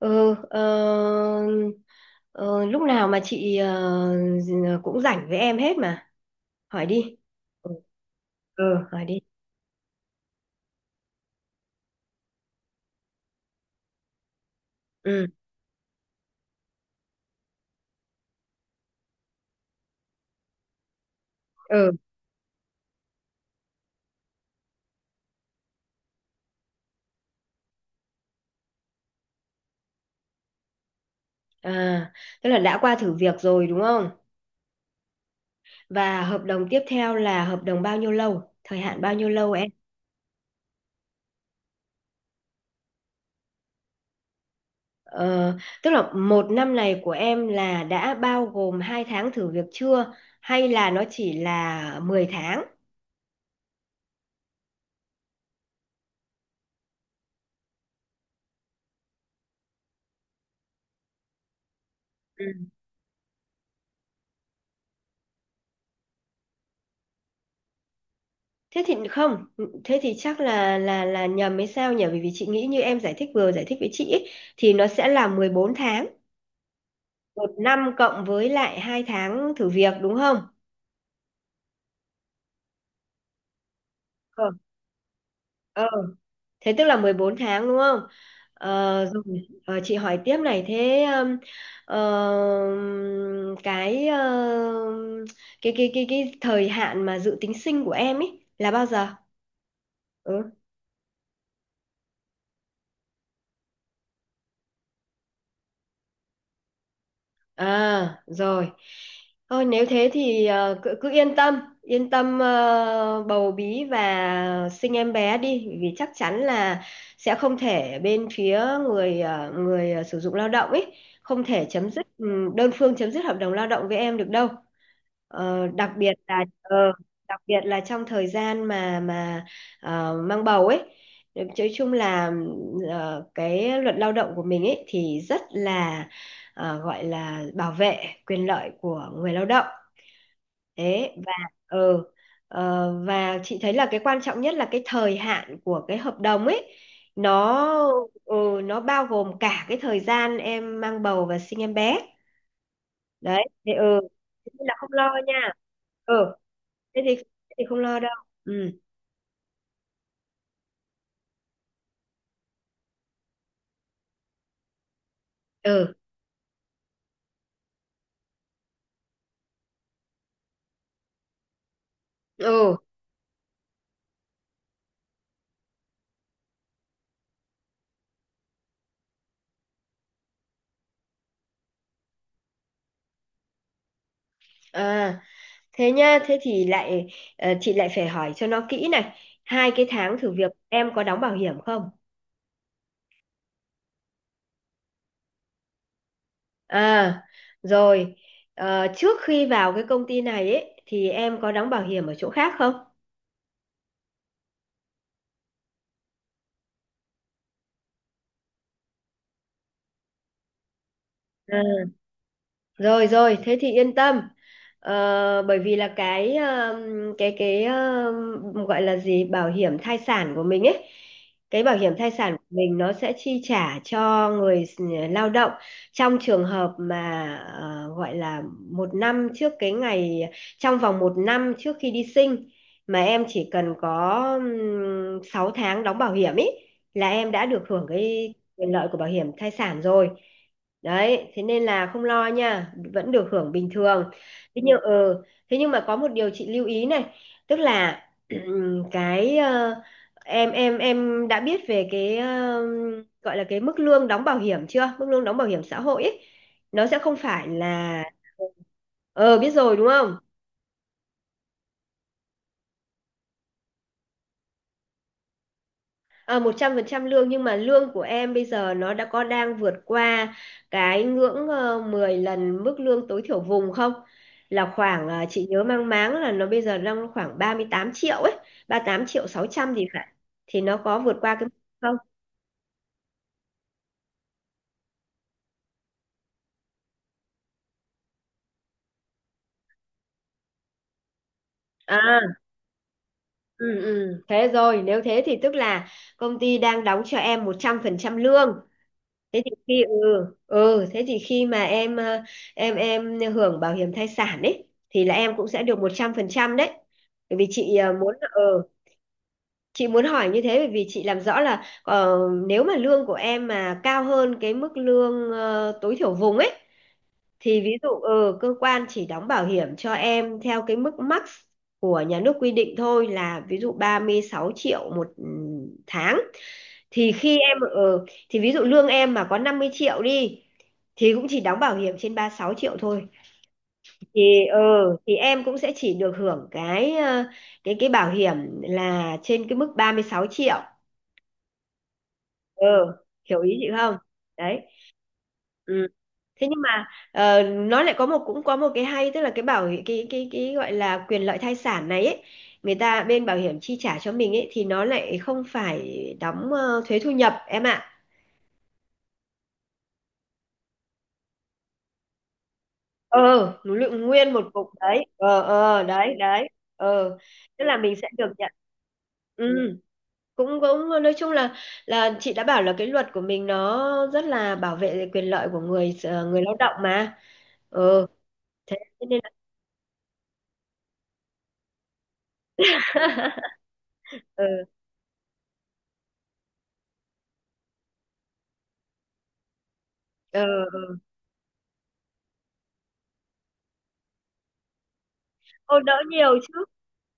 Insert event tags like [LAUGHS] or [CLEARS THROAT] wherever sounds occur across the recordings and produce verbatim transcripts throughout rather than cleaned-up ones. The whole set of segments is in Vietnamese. Ừ, ờ, ờ, lúc nào mà chị ờ, cũng rảnh với em hết mà. Hỏi đi. Ừ, ừ, hỏi đi. Ừ, ừ. À, tức là đã qua thử việc rồi đúng không? Và hợp đồng tiếp theo là hợp đồng bao nhiêu lâu? Thời hạn bao nhiêu lâu em? Ờ, tức là một năm này của em là đã bao gồm hai tháng thử việc chưa? Hay là nó chỉ là mười tháng? Thế thì không, thế thì chắc là là là nhầm hay sao nhỉ? Bởi vì chị nghĩ như em giải thích vừa giải thích với chị ấy, thì nó sẽ là mười bốn tháng, một năm cộng với lại hai tháng thử việc đúng không? Ờ, ờ. Thế tức là mười bốn tháng đúng không? Ờ, rồi. Ờ, chị hỏi tiếp này thế um, ờ, cái ờ, cái cái cái cái thời hạn mà dự tính sinh của em ấy là bao giờ? Ừ. À, rồi. Thôi nếu thế thì ờ, cứ, cứ yên tâm, yên tâm ờ, bầu bí và sinh em bé đi, bởi vì chắc chắn là sẽ không thể bên phía người ờ, người ờ, sử dụng lao động ấy không thể chấm dứt ừ, đơn phương chấm dứt hợp đồng lao động với em được đâu. Ờ, đặc biệt là ờ, đặc biệt là trong thời gian mà mà ờ, mang bầu ấy. Nói chung là ừ, ờ, cái luật lao động của mình ấy thì rất là ờ, gọi là bảo vệ quyền lợi của người lao động. Thế và ừ, ờ, Và chị thấy là cái quan trọng nhất là cái thời hạn của cái hợp đồng ấy nó ừ, nó bao gồm cả cái thời gian em mang bầu và sinh em bé. Đấy thế ừ Thế nên là không lo nha. ừ thế thì thế thì không lo đâu. ừ ừ ừ à Thế nha, thế thì lại ờ, chị lại phải hỏi cho nó kỹ này. Hai cái tháng thử việc em có đóng bảo hiểm không? À, rồi. Ờ, trước khi vào cái công ty này ấy, thì em có đóng bảo hiểm ở chỗ khác không? Rồi rồi, thế thì yên tâm. Ờ, bởi vì là cái um, cái cái um, gọi là gì, bảo hiểm thai sản của mình ấy, cái bảo hiểm thai sản của mình nó sẽ chi trả cho người s- lao động trong trường hợp mà ờ, gọi là một năm trước cái ngày trong vòng một năm trước khi đi sinh mà em chỉ cần có um, sáu tháng đóng bảo hiểm ấy là em đã được hưởng cái quyền lợi của bảo hiểm thai sản rồi. Đấy thế nên là không lo nha, vẫn được hưởng bình thường. thế nhưng ờ Thế nhưng mà có một điều chị lưu ý này, tức là [CLEARS THROAT] cái ờ, em em em đã biết về cái ờ, gọi là cái mức lương đóng bảo hiểm chưa mức lương đóng bảo hiểm xã hội ấy nó sẽ không phải là. Ờ, biết rồi đúng không? À, một trăm phần trăm lương, nhưng mà lương của em bây giờ nó đã có đang vượt qua cái ngưỡng ờ, mười lần mức lương tối thiểu vùng không? Là khoảng ờ, chị nhớ mang máng là nó bây giờ đang khoảng ba mươi tám triệu ấy, ba mươi tám triệu sáu trăm gì phải. Thì nó có vượt qua cái mức không? À, ừ, ừ. Thế rồi, nếu thế thì tức là công ty đang đóng cho em một trăm phần trăm lương, thế thì khi ừ ừ thế thì khi mà em ờ, em em hưởng bảo hiểm thai sản ấy thì là em cũng sẽ được một trăm phần trăm đấy. Bởi vì chị ờ, muốn ờ chị muốn hỏi như thế bởi vì chị làm rõ là, ờ, nếu mà lương của em mà cao hơn cái mức lương ờ, tối thiểu vùng ấy thì ví dụ ừ, cơ quan chỉ đóng bảo hiểm cho em theo cái mức max của nhà nước quy định thôi, là ví dụ ba mươi sáu triệu một ừ, tháng, thì khi em ờ, thì ví dụ lương em mà có năm mươi triệu đi thì cũng chỉ đóng bảo hiểm trên ba mươi sáu triệu thôi, thì ờ thì em cũng sẽ chỉ được hưởng cái ờ, cái cái bảo hiểm là trên cái mức ba mươi sáu triệu. Ờ, hiểu ý chị không? Đấy. Ừ. thế nhưng mà ờ, Nó lại có một cũng có một cái hay, tức là cái bảo hi- cái cái cái gọi là quyền lợi thai sản này ấy, người ta bên bảo hiểm chi trả cho mình ấy, thì nó lại không phải đóng ờ, thuế thu nhập em ạ. ờ Núi lượng nguyên một cục đấy. Ờ ờ đấy đấy ờ Tức là mình sẽ được nhận. ừ Cũng, cũng nói chung là là chị đã bảo là cái luật của mình nó rất là bảo vệ quyền lợi của người ờ, người lao động mà. Ờ thế thế nên là [LAUGHS] Ừ, ờ. Ô, đỡ nhiều chứ.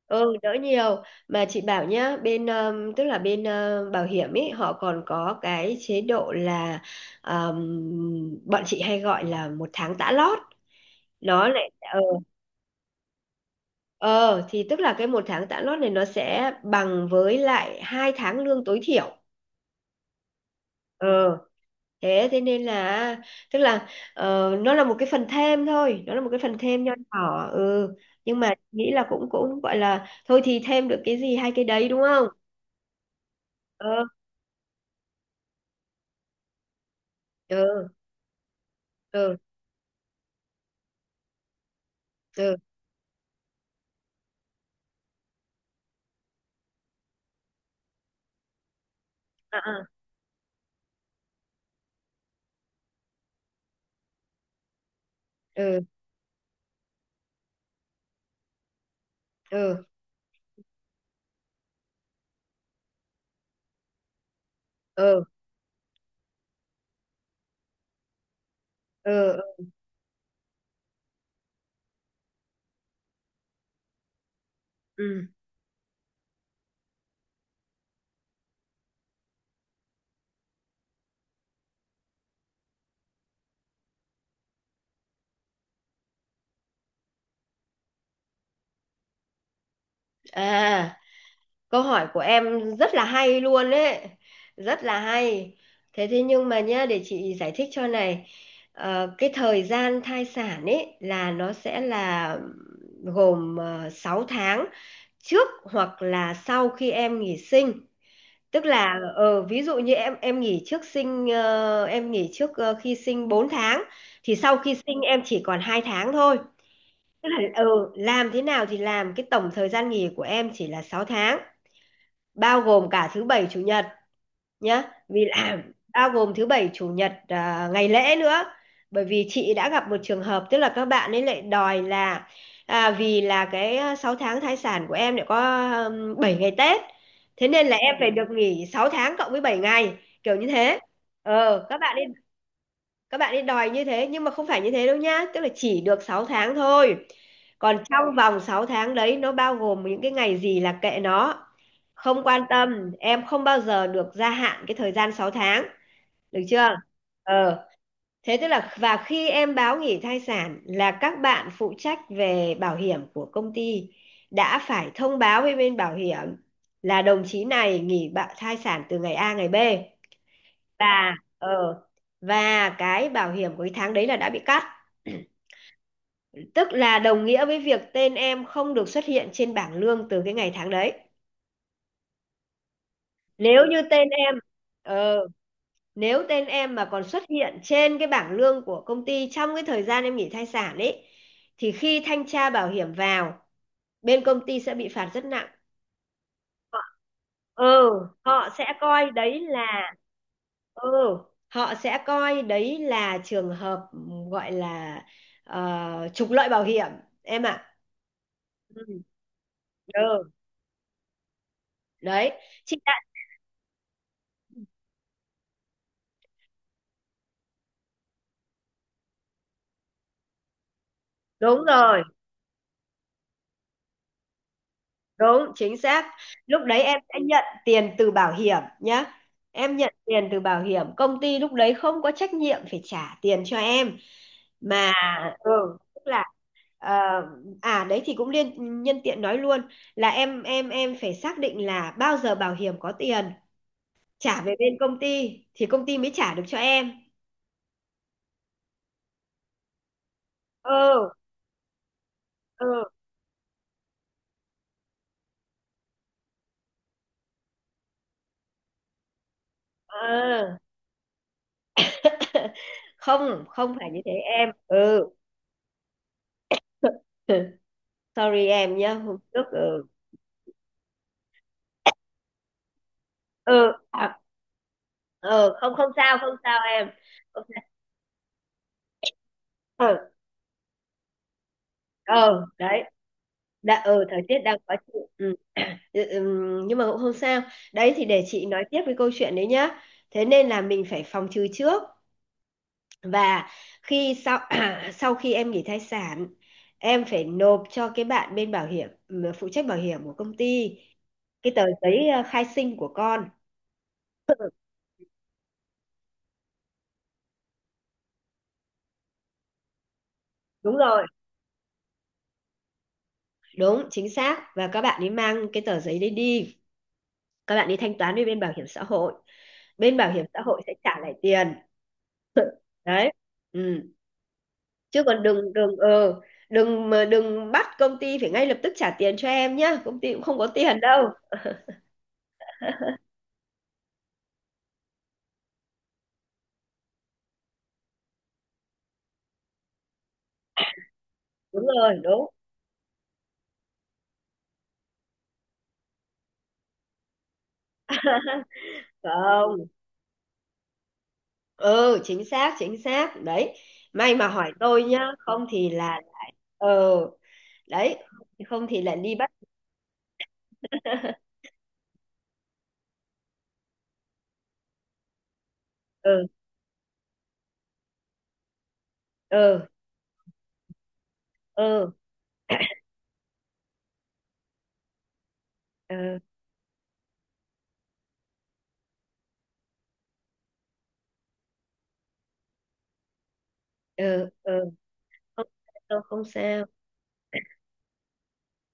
Ừ, đỡ nhiều. Mà chị bảo nhá, bên um, tức là bên uh, bảo hiểm ấy họ còn có cái chế độ là, um, bọn chị hay gọi là một tháng tã lót. Nó lại ờ ờ Thì tức là cái một tháng tã lót này nó sẽ bằng với lại hai tháng lương tối thiểu. Ờ thế Thế nên là, tức là ờ, nó là một cái phần thêm thôi, nó là một cái phần thêm nho nhỏ, ừ nhưng mà nghĩ là cũng cũng gọi là thôi thì thêm được cái gì hai cái đấy đúng không? Ừ ừ ừ ừ à, à, ừ ừ ừ ừ ừ ừ. à Câu hỏi của em rất là hay luôn đấy, rất là hay. Thế thế nhưng mà nhá, để chị giải thích cho này. Ờ, cái thời gian thai sản ấy là nó sẽ là gồm uh, sáu tháng trước hoặc là sau khi em nghỉ sinh. Tức là, ờ, ví dụ như em em nghỉ trước sinh ờ, em nghỉ trước ờ, khi sinh bốn tháng, thì sau khi sinh em chỉ còn hai tháng thôi. Tức là, ờ, làm thế nào thì làm, cái tổng thời gian nghỉ của em chỉ là sáu tháng, bao gồm cả thứ bảy chủ nhật nhá. Vì làm bao gồm thứ bảy chủ nhật, à, ngày lễ nữa. Bởi vì chị đã gặp một trường hợp, tức là các bạn ấy lại đòi là, à, vì là cái à, sáu tháng thai sản của em lại có um, bảy ngày Tết, thế nên là em phải được nghỉ sáu tháng cộng với bảy ngày, kiểu như thế. ờ các bạn các bạn ấy đòi như thế, nhưng mà không phải như thế đâu nhá, tức là chỉ được sáu tháng thôi, còn trong vòng sáu tháng đấy nó bao gồm những cái ngày gì là kệ nó, không quan tâm, em không bao giờ được gia hạn cái thời gian sáu tháng. Được chưa? Ờ. Thế tức là, và khi em báo nghỉ thai sản là các bạn phụ trách về bảo hiểm của công ty đã phải thông báo với bên bảo hiểm là đồng chí này nghỉ bạ- thai sản từ ngày A ngày B, và ờ và cái bảo hiểm cuối tháng đấy là đã bị cắt. [CLEARS THROAT] Tức là đồng nghĩa với việc tên em không được xuất hiện trên bảng lương từ cái ngày tháng đấy. nếu như tên em ờ, Nếu tên em mà còn xuất hiện trên cái bảng lương của công ty trong cái thời gian em nghỉ thai sản ấy, thì khi thanh tra bảo hiểm vào, bên công ty sẽ bị phạt rất nặng. ừ Họ sẽ coi đấy là, ừ họ sẽ coi đấy là trường hợp gọi là, ờ, trục lợi bảo hiểm em ạ. Ừ. ừ đấy Chị đã, đúng rồi, đúng chính xác. Lúc đấy em sẽ nhận tiền từ bảo hiểm nhá, em nhận tiền từ bảo hiểm, công ty lúc đấy không có trách nhiệm phải trả tiền cho em mà. ừ Tức là, ờ, à đấy thì cũng liên nhân tiện nói luôn là em em em phải xác định là bao giờ bảo hiểm có tiền trả về bên công ty thì công ty mới trả được cho em. ừ ừ ừ [LAUGHS] không Không phải như thế em. ừ [LAUGHS] Sorry em nhá, hôm trước. ừ ừ à, ừ Không không sao, không sao em, không sao. Ừ ừ đấy Đã ừ, thời tiết đang khó chịu. Ừ. [CLEARS THROAT] Ừ, ừ, nhưng mà cũng không sao. Đấy thì để chị nói tiếp với câu chuyện đấy nhá. Thế nên là mình phải phòng trừ trước, và khi sau [CLEARS THROAT] sau khi em nghỉ thai sản em phải nộp cho cái bạn bên bảo hiểm, ừ, phụ trách bảo hiểm của công ty, cái tờ giấy ờ, khai sinh của con. Đúng rồi, đúng chính xác, và các bạn ấy mang cái tờ giấy đấy đi, các bạn đi thanh toán với bên bảo hiểm xã hội, bên bảo hiểm xã hội sẽ trả lại tiền đấy. Ừ. Chứ còn đừng đừng ờ đừng mà đừng bắt công ty phải ngay lập tức trả tiền cho em nhá, công ty cũng không có tiền đâu. Đúng rồi, đúng không? ừ Chính xác, chính xác đấy, may mà hỏi tôi nhá, không thì là lại ờ đấy, không thì lại đi bắt. [LAUGHS] ừ ừ ừ ừ ừ ừ Không đâu, không sao.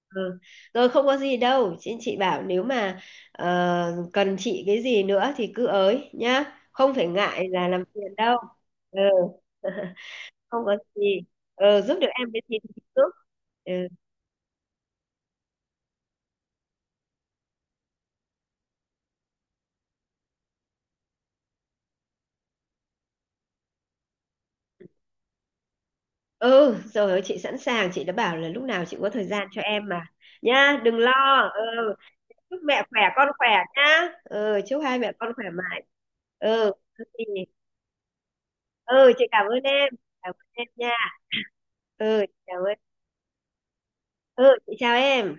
Ừ. Rồi không có gì đâu chị chị bảo nếu mà ờ, cần chị cái gì nữa thì cứ ới nhá, không phải ngại là làm phiền đâu. Ừ. [LAUGHS] Không có gì. Ừ, giúp được em cái gì thì giúp. Ừ. ừ Rồi ơi, chị sẵn sàng, chị đã bảo là lúc nào chị cũng có thời gian cho em mà, nha đừng lo. Ừ. Chúc mẹ khỏe con khỏe nhá. Ừ, chúc hai mẹ con khỏe mãi. Ừ thì Ừ chị cảm ơn em, cảm ơn em nha. Ừ chị cảm ơn. Ừ chị chào em.